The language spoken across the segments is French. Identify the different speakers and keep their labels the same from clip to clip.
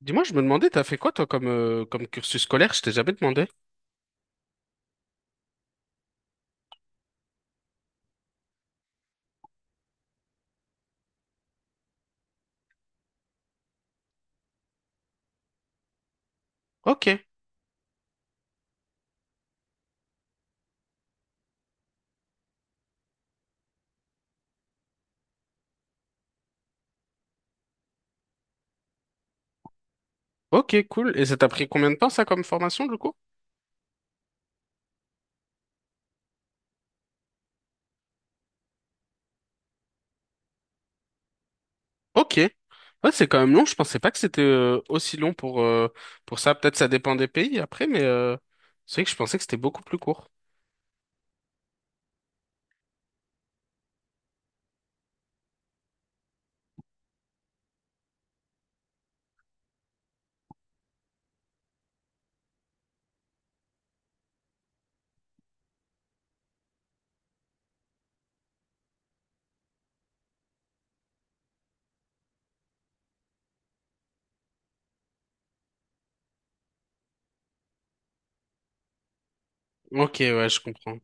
Speaker 1: Dis-moi, je me demandais, t'as fait quoi toi comme, comme cursus scolaire? Je t'ai jamais demandé. Ok, ok, cool. Et ça t'a pris combien de temps ça comme formation du coup? Ok. Ouais, c'est quand même long. Je pensais pas que c'était aussi long pour ça. Peut-être ça dépend des pays après, mais c'est vrai que je pensais que c'était beaucoup plus court. Ok, ouais, je comprends.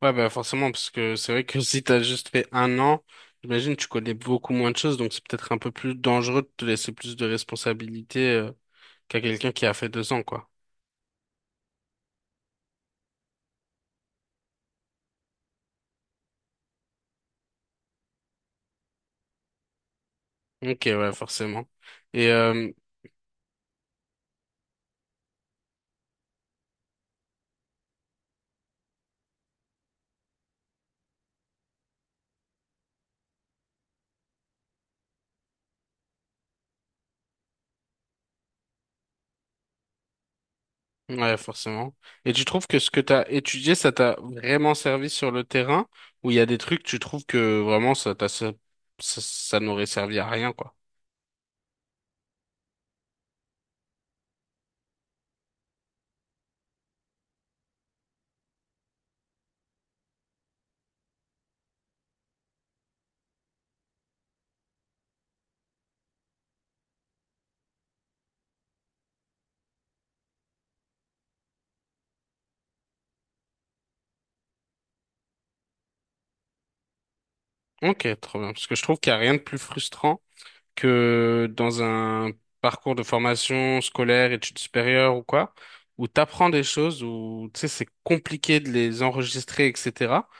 Speaker 1: Ouais, bah forcément, parce que c'est vrai que si t'as juste fait un an, j'imagine tu connais beaucoup moins de choses, donc c'est peut-être un peu plus dangereux de te laisser plus de responsabilités qu'à quelqu'un qui a fait deux ans, quoi. Ok, ouais, forcément. Et ouais, forcément. Et tu trouves que ce que t'as étudié, ça t'a vraiment servi sur le terrain, ou il y a des trucs tu trouves que vraiment ça n'aurait servi à rien, quoi. Ok, trop bien. Parce que je trouve qu'il n'y a rien de plus frustrant que dans un parcours de formation scolaire, études supérieures ou quoi, où t'apprends des choses, où tu sais, c'est compliqué de les enregistrer, etc.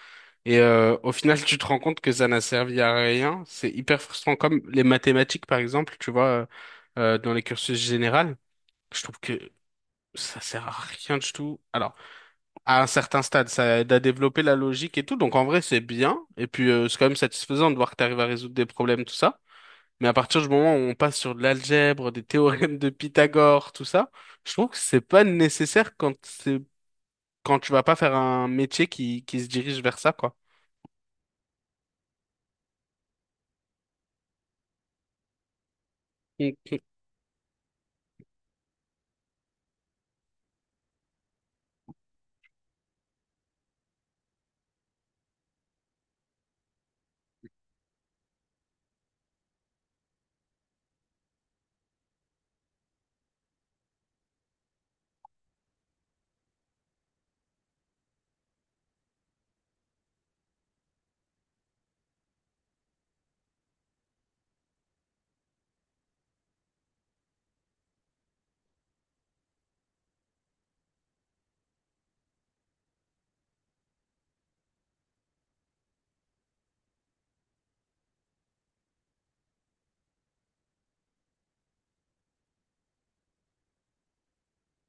Speaker 1: Et au final, tu te rends compte que ça n'a servi à rien. C'est hyper frustrant, comme les mathématiques, par exemple, tu vois, dans les cursus généraux. Je trouve que ça sert à rien du tout. Alors, à un certain stade, ça aide à développer la logique et tout. Donc, en vrai, c'est bien. Et puis, c'est quand même satisfaisant de voir que tu arrives à résoudre des problèmes, tout ça. Mais à partir du moment où on passe sur de l'algèbre, des théorèmes de Pythagore, tout ça, je trouve que c'est pas nécessaire quand c'est quand tu vas pas faire un métier qui se dirige vers ça, quoi. Mm.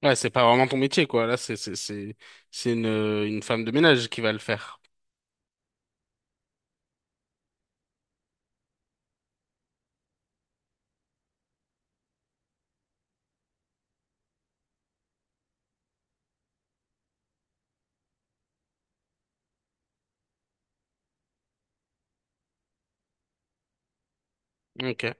Speaker 1: Ouais, c'est pas vraiment ton métier, quoi. Là, c'est une femme de ménage qui va le faire. Ok.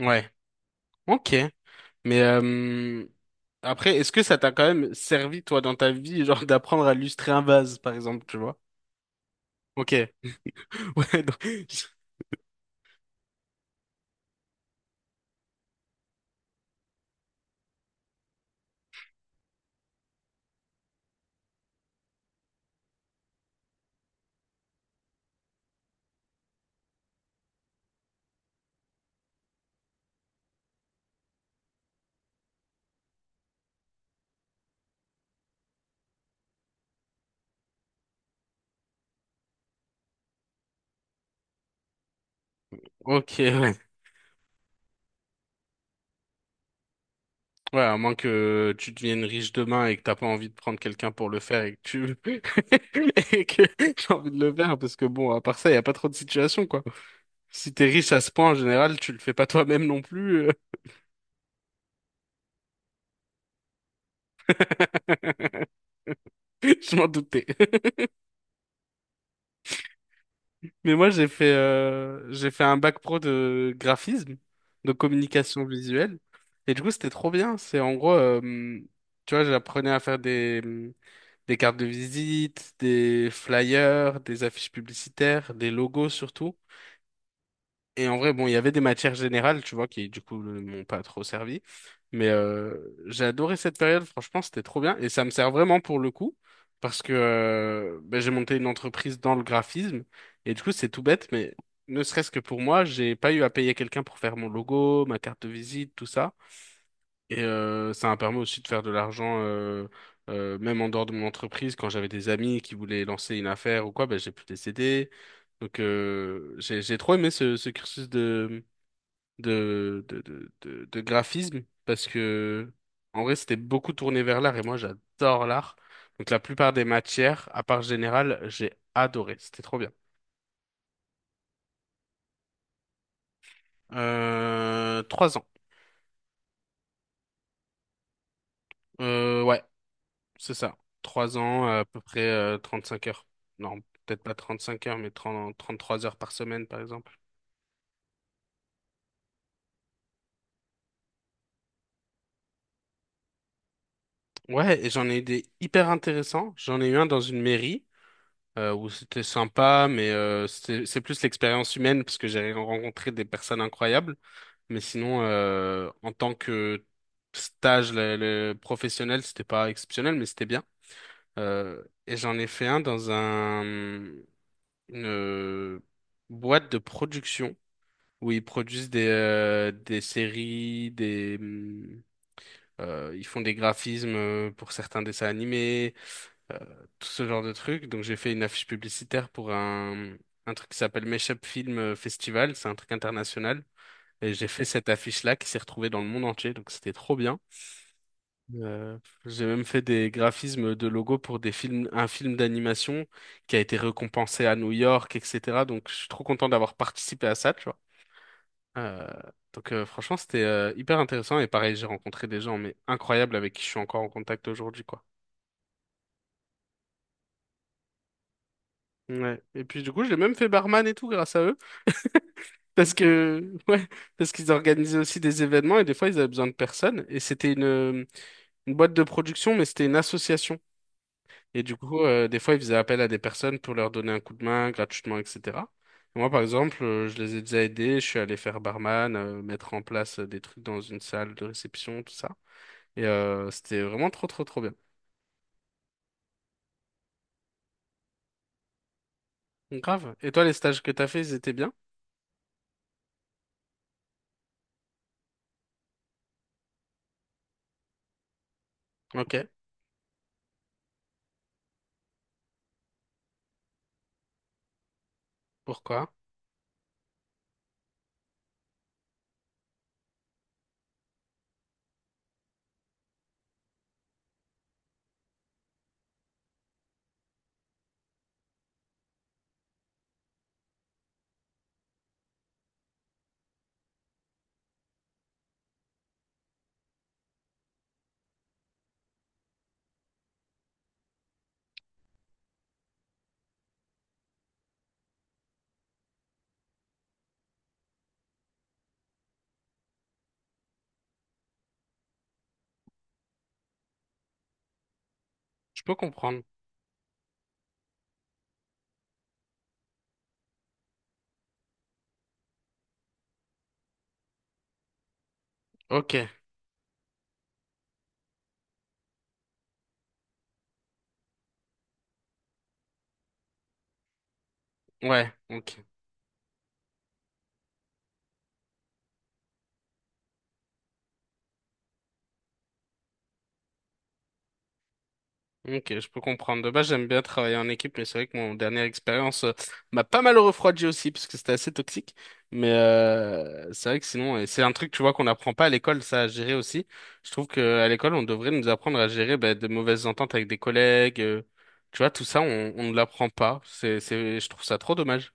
Speaker 1: Ouais. Ok. Mais après, est-ce que ça t'a quand même servi, toi, dans ta vie, genre d'apprendre à lustrer un vase, par exemple, tu vois? Ok. Ouais. donc- Ok. Ouais. Ouais, à moins que tu deviennes riche demain et que t'as pas envie de prendre quelqu'un pour le faire et que tu et que j'ai envie de le faire parce que bon, à part ça, y a pas trop de situations quoi. Si t'es riche à ce point, en général, tu le fais pas toi-même non plus. Je m'en doutais. Mais moi, j'ai fait un bac pro de graphisme, de communication visuelle et du coup, c'était trop bien. C'est en gros, tu vois, j'apprenais à faire des cartes de visite, des flyers, des affiches publicitaires, des logos surtout. Et en vrai, bon, il y avait des matières générales, tu vois, qui du coup ne m'ont pas trop servi. Mais j'ai adoré cette période, franchement, c'était trop bien. Et ça me sert vraiment pour le coup, parce que ben, j'ai monté une entreprise dans le graphisme. Et du coup, c'est tout bête, mais ne serait-ce que pour moi, j'ai pas eu à payer quelqu'un pour faire mon logo, ma carte de visite, tout ça. Et ça m'a permis aussi de faire de l'argent, même en dehors de mon entreprise. Quand j'avais des amis qui voulaient lancer une affaire ou quoi, ben, j'ai pu les aider. Donc j'ai trop aimé ce, ce cursus de graphisme parce que en vrai c'était beaucoup tourné vers l'art et moi j'adore l'art. Donc la plupart des matières, à part générale, j'ai adoré. C'était trop bien. Trois ans. Ouais. C'est ça. Trois ans, à peu près cinq heures. Non, peut-être pas 35 heures, mais trente trois heures par semaine, par exemple. Ouais, et j'en ai eu des hyper intéressants. J'en ai eu un dans une mairie où c'était sympa, mais c'était- c'est plus l'expérience humaine parce que j'ai rencontré des personnes incroyables. Mais sinon, en tant que stage le professionnel, c'était pas exceptionnel, mais c'était bien. Et j'en ai fait un dans un, une euh, boîte de production où ils produisent des séries, des, ils font des graphismes pour certains dessins animés, euh, tout ce genre de trucs. Donc j'ai fait une affiche publicitaire pour un truc qui s'appelle Meshup Film Festival, c'est un truc international. Et j'ai fait cette affiche-là qui s'est retrouvée dans le monde entier, donc c'était trop bien. Euh, j'ai même fait des graphismes de logos pour des films, un film d'animation qui a été récompensé à New York, etc. Donc je suis trop content d'avoir participé à ça, tu vois. Euh, Franchement, c'était hyper intéressant et pareil, j'ai rencontré des gens mais incroyables avec qui je suis encore en contact aujourd'hui quoi. Ouais. Et puis du coup, j'ai même fait barman et tout grâce à eux parce que ouais, parce qu'ils organisaient aussi des événements et des fois ils avaient besoin de personnes et c'était une boîte de production mais c'était une association et du coup des fois ils faisaient appel à des personnes pour leur donner un coup de main gratuitement etc. Et moi par exemple, je les ai déjà aidés, je suis allé faire barman, mettre en place des trucs dans une salle de réception, tout ça. Et c'était vraiment trop bien. Grave. Et toi, les stages que t'as fait, ils étaient bien? Ok. Pourquoi? Je peux comprendre. Ok. Ouais. Ok. Ok, je peux comprendre. De base, j'aime bien travailler en équipe, mais c'est vrai que mon dernière expérience m'a pas mal refroidi aussi, parce que c'était assez toxique. Mais c'est vrai que sinon, et c'est un truc, tu vois, qu'on n'apprend pas à l'école, ça, à gérer aussi. Je trouve qu'à l'école, on devrait nous apprendre à gérer bah, de mauvaises ententes avec des collègues. Tu vois, tout ça, on ne l'apprend pas. Je trouve ça trop dommage.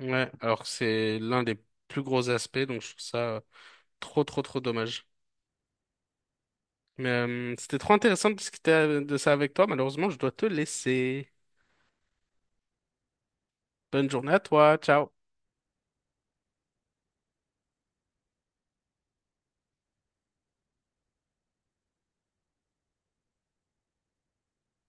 Speaker 1: Ouais, alors que c'est l'un des plus gros aspects, donc je trouve ça. Trop dommage. Mais c'était trop intéressant de discuter de ça avec toi. Malheureusement, je dois te laisser. Bonne journée à toi. Ciao.